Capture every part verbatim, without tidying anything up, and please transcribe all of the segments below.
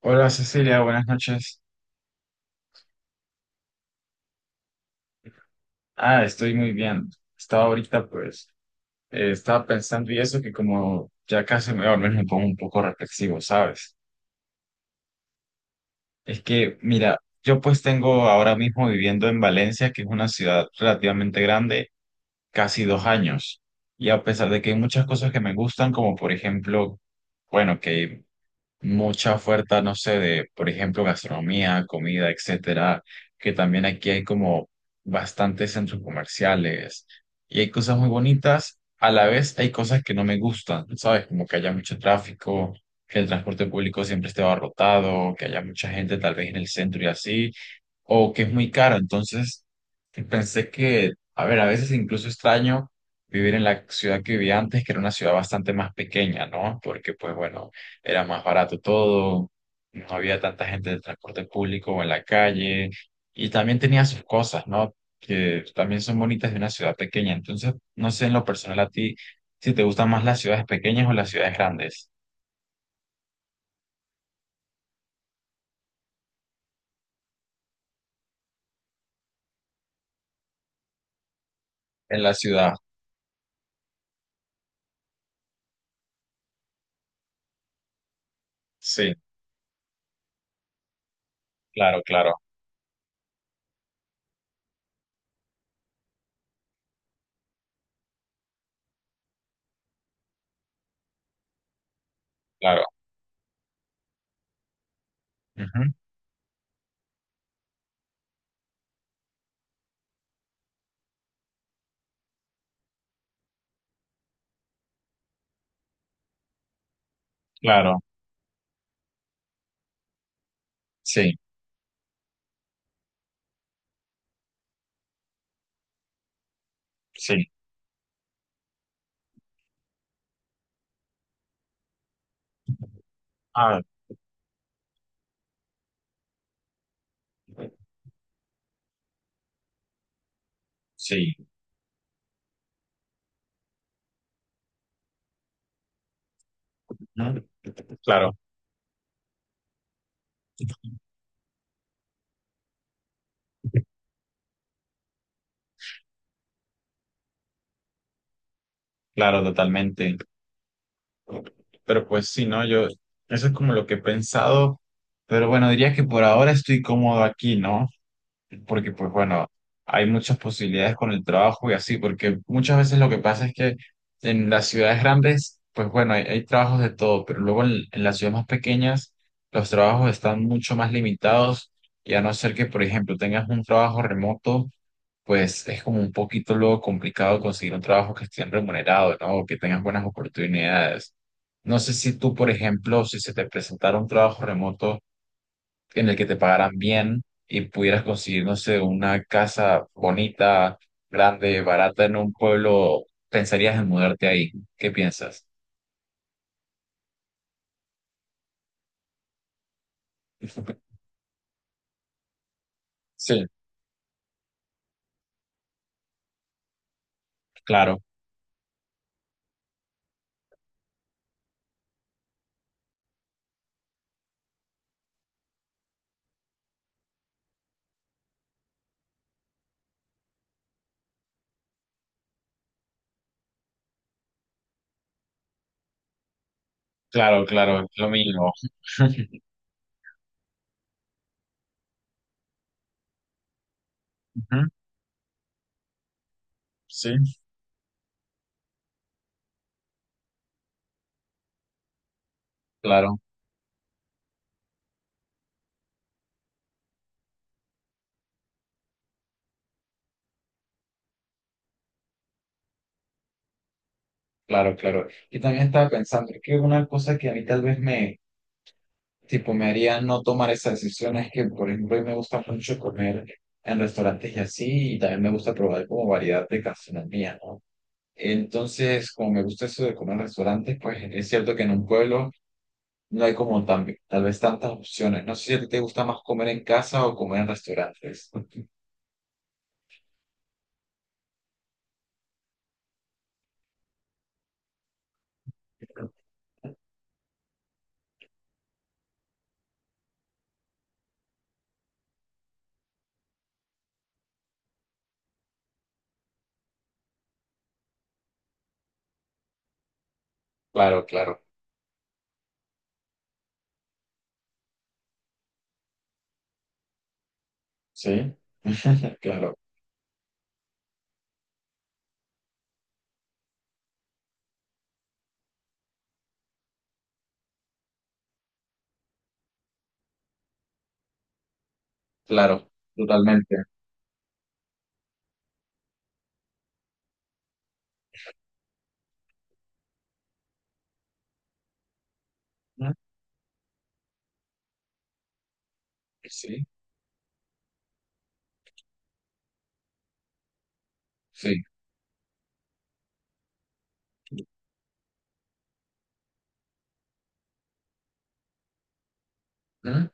Hola Cecilia, buenas noches. Ah, estoy muy bien. Estaba ahorita, pues, eh, estaba pensando y eso que como ya casi me dormí, me pongo un poco reflexivo, ¿sabes? Es que, mira, yo pues tengo ahora mismo viviendo en Valencia, que es una ciudad relativamente grande, casi dos años. Y a pesar de que hay muchas cosas que me gustan, como por ejemplo, bueno, que mucha oferta, no sé, de, por ejemplo, gastronomía, comida, etcétera, que también aquí hay como bastantes centros comerciales y hay cosas muy bonitas, a la vez hay cosas que no me gustan, ¿sabes? Como que haya mucho tráfico, que el transporte público siempre esté abarrotado, que haya mucha gente tal vez en el centro y así, o que es muy caro, entonces pensé que, a ver, a veces incluso extraño vivir en la ciudad que vivía antes, que era una ciudad bastante más pequeña, ¿no? Porque, pues bueno, era más barato todo, no había tanta gente de transporte público o en la calle, y también tenía sus cosas, ¿no? Que también son bonitas de una ciudad pequeña. Entonces, no sé en lo personal a ti si te gustan más las ciudades pequeñas o las ciudades grandes. En la ciudad, sí, claro, claro, claro. Ujú, claro, sí, sí. Ah, sí. Ujú, claro, claro, totalmente. Pero pues sí, ¿no? Yo, eso es como lo que he pensado, pero bueno, diría que por ahora estoy cómodo aquí, ¿no? Porque pues bueno, hay muchas posibilidades con el trabajo y así, porque muchas veces lo que pasa es que en las ciudades grandes, pues bueno, hay, hay trabajos de todo, pero luego en, en las ciudades más pequeñas, los trabajos están mucho más limitados y a no ser que, por ejemplo, tengas un trabajo remoto pues es como un poquito luego complicado conseguir un trabajo que esté remunerado, ¿no? O que tengas buenas oportunidades. No sé si tú, por ejemplo, si se te presentara un trabajo remoto en el que te pagaran bien y pudieras conseguir, no sé, una casa bonita, grande, barata en un pueblo, ¿pensarías en mudarte ahí? ¿Qué piensas? Sí, claro, claro, claro, lo mismo. Sí, claro, claro, claro. Y también estaba pensando que una cosa que a mí tal vez me, tipo, me haría no tomar esas decisiones que, por ejemplo, a mí me gusta mucho comer en restaurantes y así, y también me gusta probar como variedad de gastronomía, ¿no? Entonces, como me gusta eso de comer en restaurantes, pues es cierto que en un pueblo no hay como tan, tal vez tantas opciones. No sé si a ti te gusta más comer en casa o comer en restaurantes. Claro, claro, sí, claro, claro, totalmente. Ujú, sí, sí, ujú,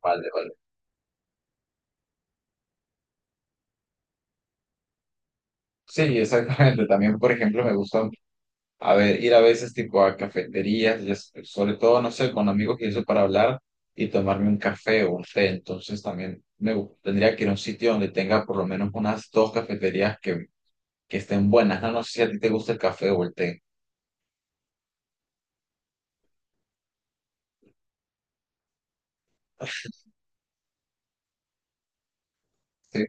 vale, vale. Sí, exactamente. También, por ejemplo, me gusta a ver, ir a veces tipo a cafeterías, y es- sobre todo, no sé, con amigos y eso para hablar y tomarme un café o un té. Entonces también me gu- tendría que ir a un sitio donde tenga por lo menos unas dos cafeterías que, que estén buenas. No, no sé si a ti te gusta el café o el té. Sí.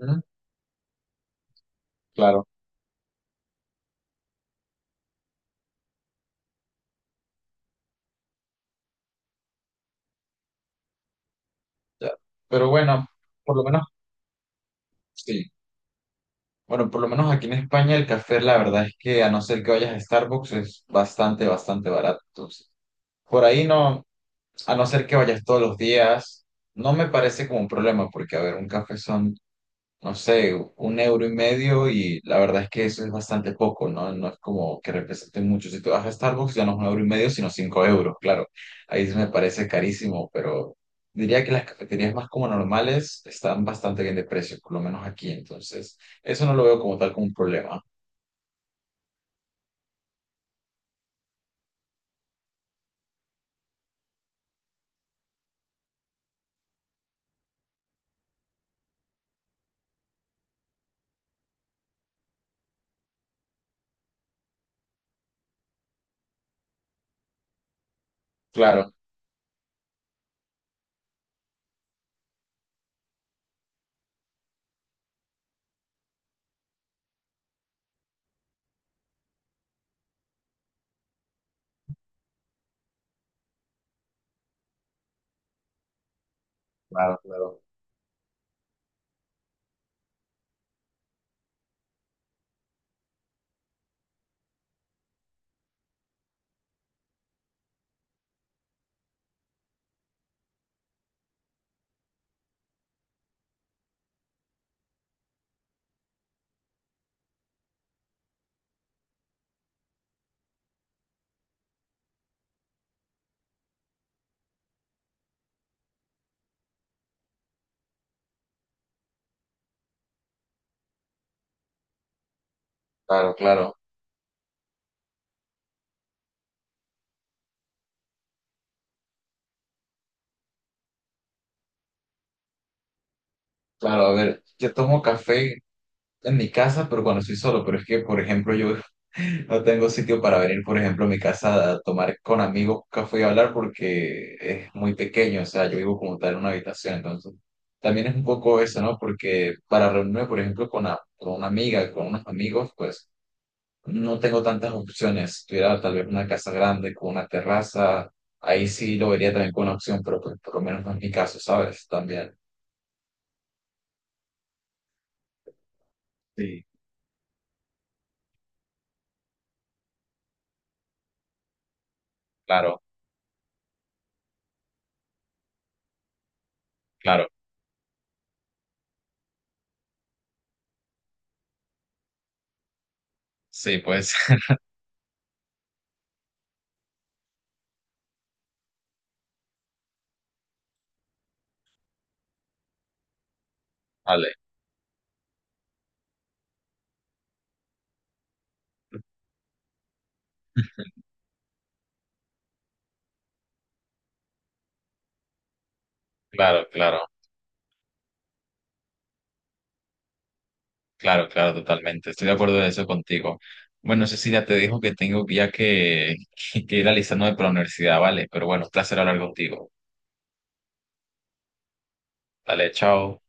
Ujú, claro. Ya. Pero bueno, por lo menos, sí. Bueno, por lo menos aquí en España el café, la verdad es que a no ser que vayas a Starbucks, es bastante, bastante barato. Entonces, por ahí no. A no ser que vayas todos los días, no me parece como un problema, porque, a ver, un café son, no sé, un euro y medio, y la verdad es que eso es bastante poco, ¿no? No es como que represente mucho. Si tú vas a Starbucks, ya no es un euro y medio, sino cinco euros, claro. Ahí sí me parece carísimo, pero diría que las cafeterías más como normales están bastante bien de precio, por lo menos aquí. Entonces, eso no lo veo como tal como un problema. Claro, claro, claro, claro, claro. Claro, a ver, yo tomo café en mi casa, pero cuando estoy solo, pero es que, por ejemplo, yo no tengo sitio para venir, por ejemplo, a mi casa a tomar con amigos café y hablar porque es muy pequeño, o sea, yo vivo como tal en una habitación, entonces también es un poco eso, ¿no? Porque para reunirme, por ejemplo, con, a- con una amiga, con unos amigos, pues no tengo tantas opciones. Si tuviera tal vez una casa grande con una terraza, ahí sí lo vería también como una opción, pero pues, por lo menos no es mi caso, ¿sabes? También. Sí, claro, claro. Sí, pues, vale. Claro, claro. Claro, claro, totalmente. Estoy de acuerdo de eso contigo. Bueno, Cecilia, te dijo que tengo ya que, que ir alistándome para la universidad, ¿vale? Pero bueno, un placer hablar contigo. Dale, chao.